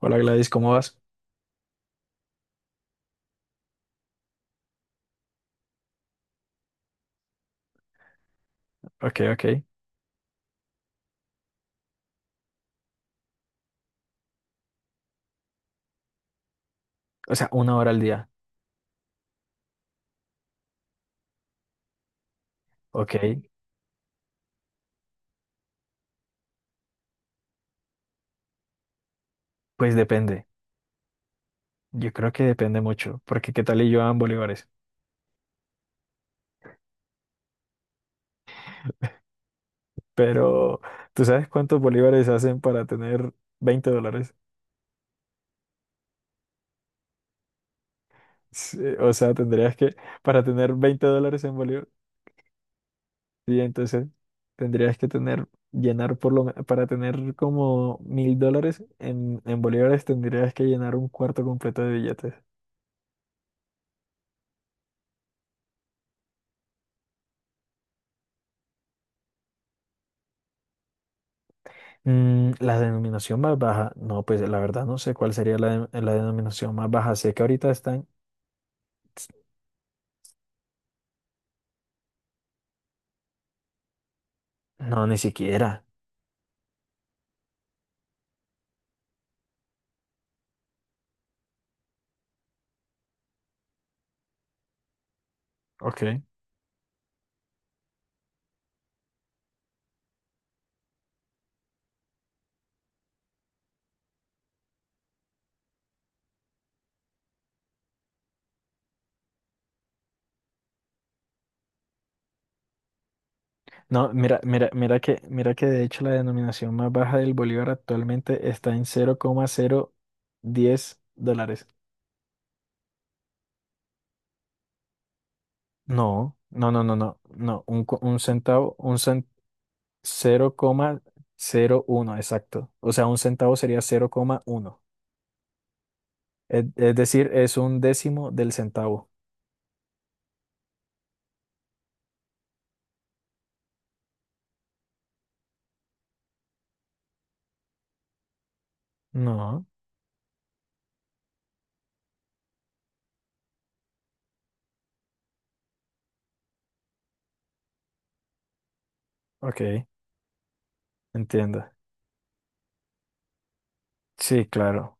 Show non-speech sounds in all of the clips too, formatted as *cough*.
Hola Gladys, ¿cómo vas? Ok, ok. O sea, una hora al día. Ok, pues depende. Yo creo que depende mucho, porque qué tal y yo en bolívares. Pero, ¿tú sabes cuántos bolívares hacen para tener 20 dólares? Sí, o sea, tendrías que, para tener 20 dólares en bolívar, sí, entonces tendrías que tener, llenar por lo, para tener como 1.000 dólares en bolívares, tendrías que llenar un cuarto completo de billetes. Mm, la denominación más baja, no, pues la verdad no sé cuál sería la denominación más baja. Sé que ahorita están, no, ni siquiera. Ok. No, mira, mira, mira que de hecho la denominación más baja del bolívar actualmente está en 00,010 dólares. No, no, no, no, no, no, un centavo, 00,01 exacto. O sea, un centavo sería 0,1. Es decir, es un décimo del centavo. No, ok. Entiendo. Sí, claro.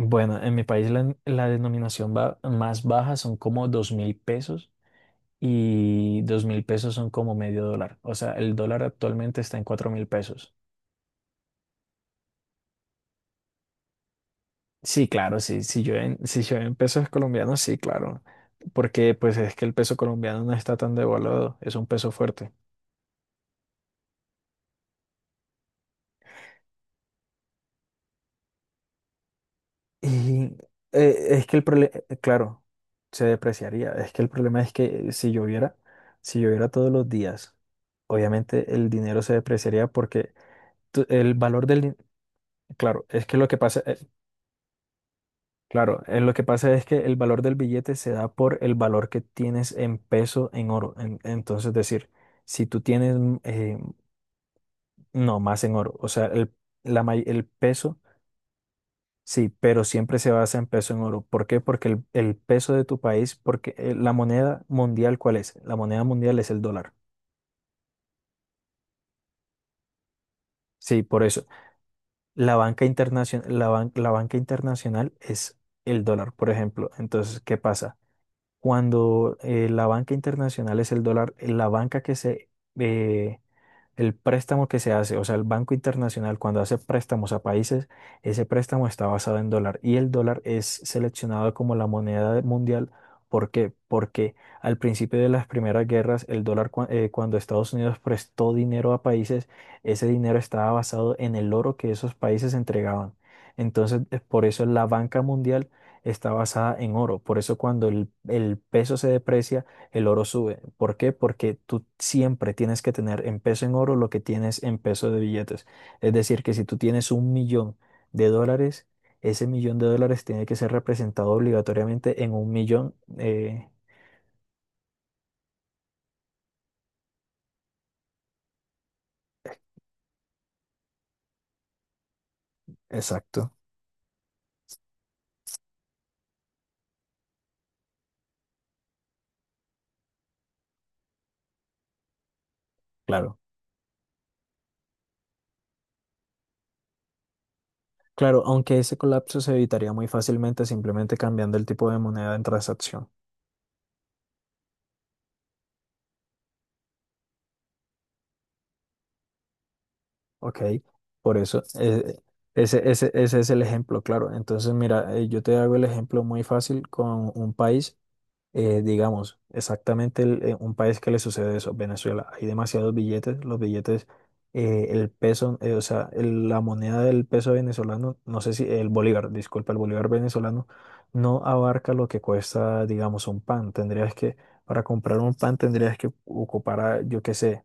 Bueno, en mi país la denominación más baja son como 2.000 pesos y 2.000 pesos son como medio dólar. O sea, el dólar actualmente está en 4.000 pesos. Sí, claro, sí. Si yo en pesos colombianos, sí, claro. Porque pues es que el peso colombiano no está tan devaluado, es un peso fuerte. Y es que el problema, claro, se depreciaría. Es que el problema es que si lloviera todos los días, obviamente el dinero se depreciaría porque el valor claro, es que lo que pasa, claro, lo que pasa es que el valor del billete se da por el valor que tienes en peso en oro. Entonces, decir, si tú tienes, no, más en oro, o sea, el peso. Sí, pero siempre se basa en peso en oro. ¿Por qué? Porque el peso de tu país, porque la moneda mundial, ¿cuál es? La moneda mundial es el dólar. Sí, por eso. La banca internacional, la banca internacional es el dólar, por ejemplo. Entonces, ¿qué pasa? Cuando la banca internacional es el dólar, la banca que se, eh, El préstamo que se hace, o sea, el Banco Internacional cuando hace préstamos a países, ese préstamo está basado en dólar y el dólar es seleccionado como la moneda mundial. ¿Por qué? Porque al principio de las primeras guerras, el dólar, cuando Estados Unidos prestó dinero a países, ese dinero estaba basado en el oro que esos países entregaban. Entonces, por eso la banca mundial está basada en oro. Por eso cuando el peso se deprecia, el oro sube. ¿Por qué? Porque tú siempre tienes que tener en peso en oro lo que tienes en peso de billetes. Es decir, que si tú tienes un millón de dólares, ese millón de dólares tiene que ser representado obligatoriamente en un millón. Exacto, claro. Claro, aunque ese colapso se evitaría muy fácilmente simplemente cambiando el tipo de moneda en transacción. ¿Ok? Por eso, ese es el ejemplo, claro. Entonces, mira, yo te hago el ejemplo muy fácil con un país. Digamos, exactamente un país que le sucede eso, Venezuela. Hay demasiados billetes, los billetes, el peso, o sea, la moneda del peso venezolano, no sé si el bolívar, disculpa, el bolívar venezolano no abarca lo que cuesta, digamos, un pan. Tendrías que, para comprar un pan tendrías que ocupar, yo qué sé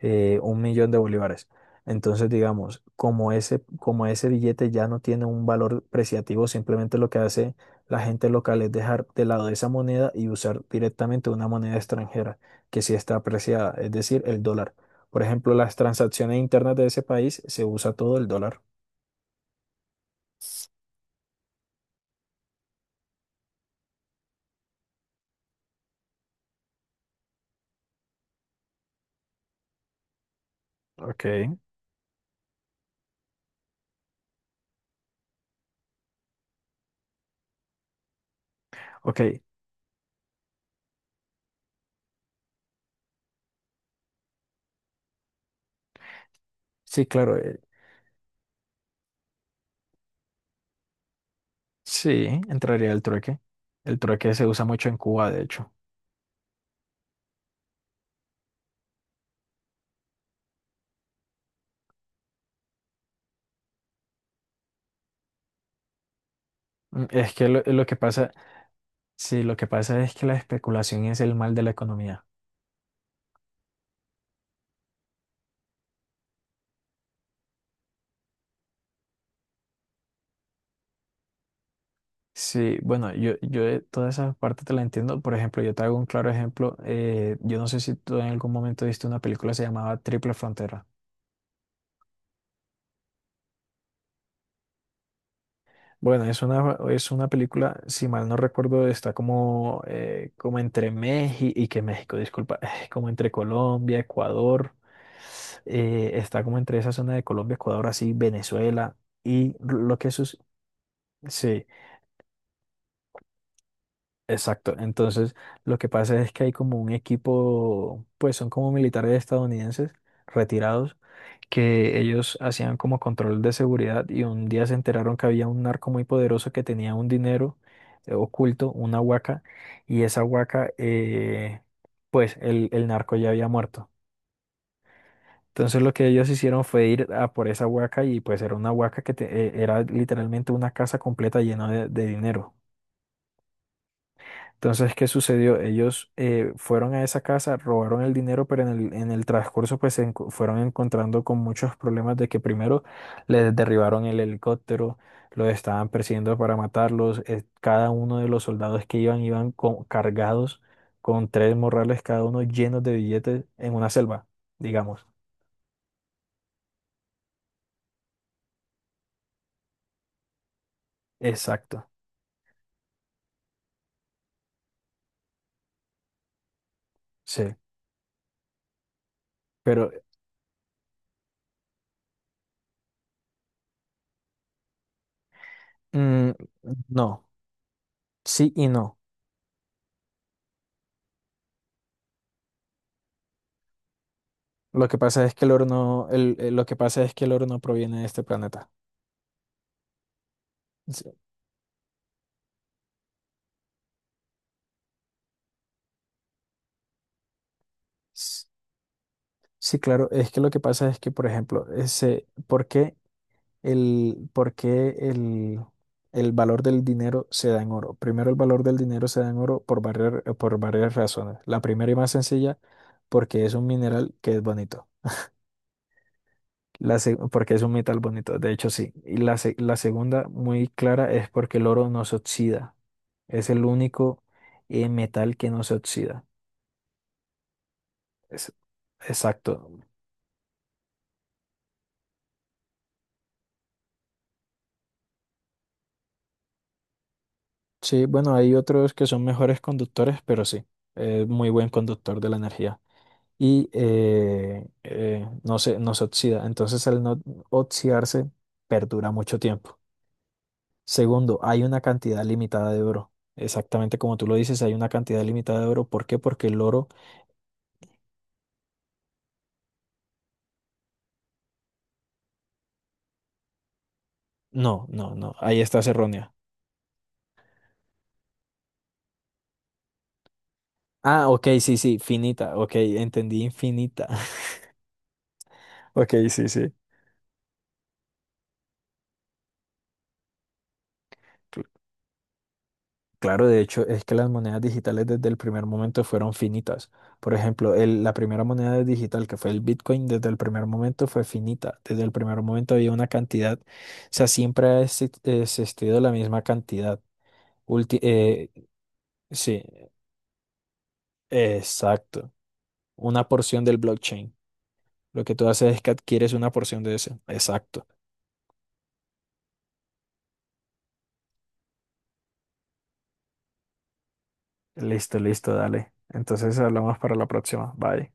un millón de bolívares. Entonces, digamos, como ese billete ya no tiene un valor preciativo, simplemente lo que hace la gente local es dejar de lado esa moneda y usar directamente una moneda extranjera que sí está apreciada, es decir, el dólar. Por ejemplo, las transacciones internas de ese país se usa todo el dólar. Ok, ok. Sí, claro, sí, entraría el trueque. El trueque se usa mucho en Cuba, de hecho. Es que lo que pasa. Sí, lo que pasa es que la especulación es el mal de la economía. Sí, bueno, yo de toda esa parte te la entiendo. Por ejemplo, yo te hago un claro ejemplo. Yo no sé si tú en algún momento viste una película, se llamaba Triple Frontera. Bueno, es una película, si mal no recuerdo, está como, como entre México, y que México, disculpa, *laughs* *sighs* como entre Colombia, Ecuador, está como entre esa zona de Colombia, Ecuador, así, Venezuela, y lo que sucede. Exacto. Entonces, lo que pasa es que hay como un equipo, pues son como militares estadounidenses retirados, que ellos hacían como control de seguridad y un día se enteraron que había un narco muy poderoso que tenía un dinero oculto, una huaca, y esa huaca, pues el narco ya había muerto. Entonces lo que ellos hicieron fue ir a por esa huaca y pues era una huaca era literalmente una casa completa llena de dinero. Entonces, ¿qué sucedió? Ellos fueron a esa casa, robaron el dinero, pero en el transcurso pues fueron encontrando con muchos problemas de que primero les derribaron el helicóptero, los estaban persiguiendo para matarlos, cada uno de los soldados que iban cargados con tres morrales cada uno llenos de billetes en una selva, digamos. Exacto, sí. Pero mm, no, sí y no. Lo que pasa es que el oro no, lo que pasa es que el oro no proviene de este planeta. S- Sí, claro, es que lo que pasa es que, por ejemplo, ¿por qué el, por qué el, el valor del dinero se da en oro? Primero, el valor del dinero se da en oro por varias razones. La primera y más sencilla, porque es un mineral que es bonito. Porque es un metal bonito, de hecho sí. Y la segunda, muy clara, es porque el oro no se oxida. Es el único metal que no se oxida. Es- exacto. Sí, bueno, hay otros que son mejores conductores, pero sí, es muy buen conductor de la energía. Y no se oxida. Entonces, al no oxidarse, perdura mucho tiempo. Segundo, hay una cantidad limitada de oro. Exactamente como tú lo dices, hay una cantidad limitada de oro. ¿Por qué? Porque el oro. No, no, no. Ahí estás errónea. Ah, ok, sí, sí, finita. Ok, entendí infinita. *laughs* Ok, sí, sí. Claro, de hecho, es que las monedas digitales desde el primer momento fueron finitas. Por ejemplo, la primera moneda digital que fue el Bitcoin, desde el primer momento fue finita. Desde el primer momento había una cantidad, o sea, siempre ha existido la misma cantidad. Ulti- eh, sí, exacto. Una porción del blockchain. Lo que tú haces es que adquieres una porción de eso. Exacto. Listo, listo, dale. Entonces hablamos para la próxima. Bye.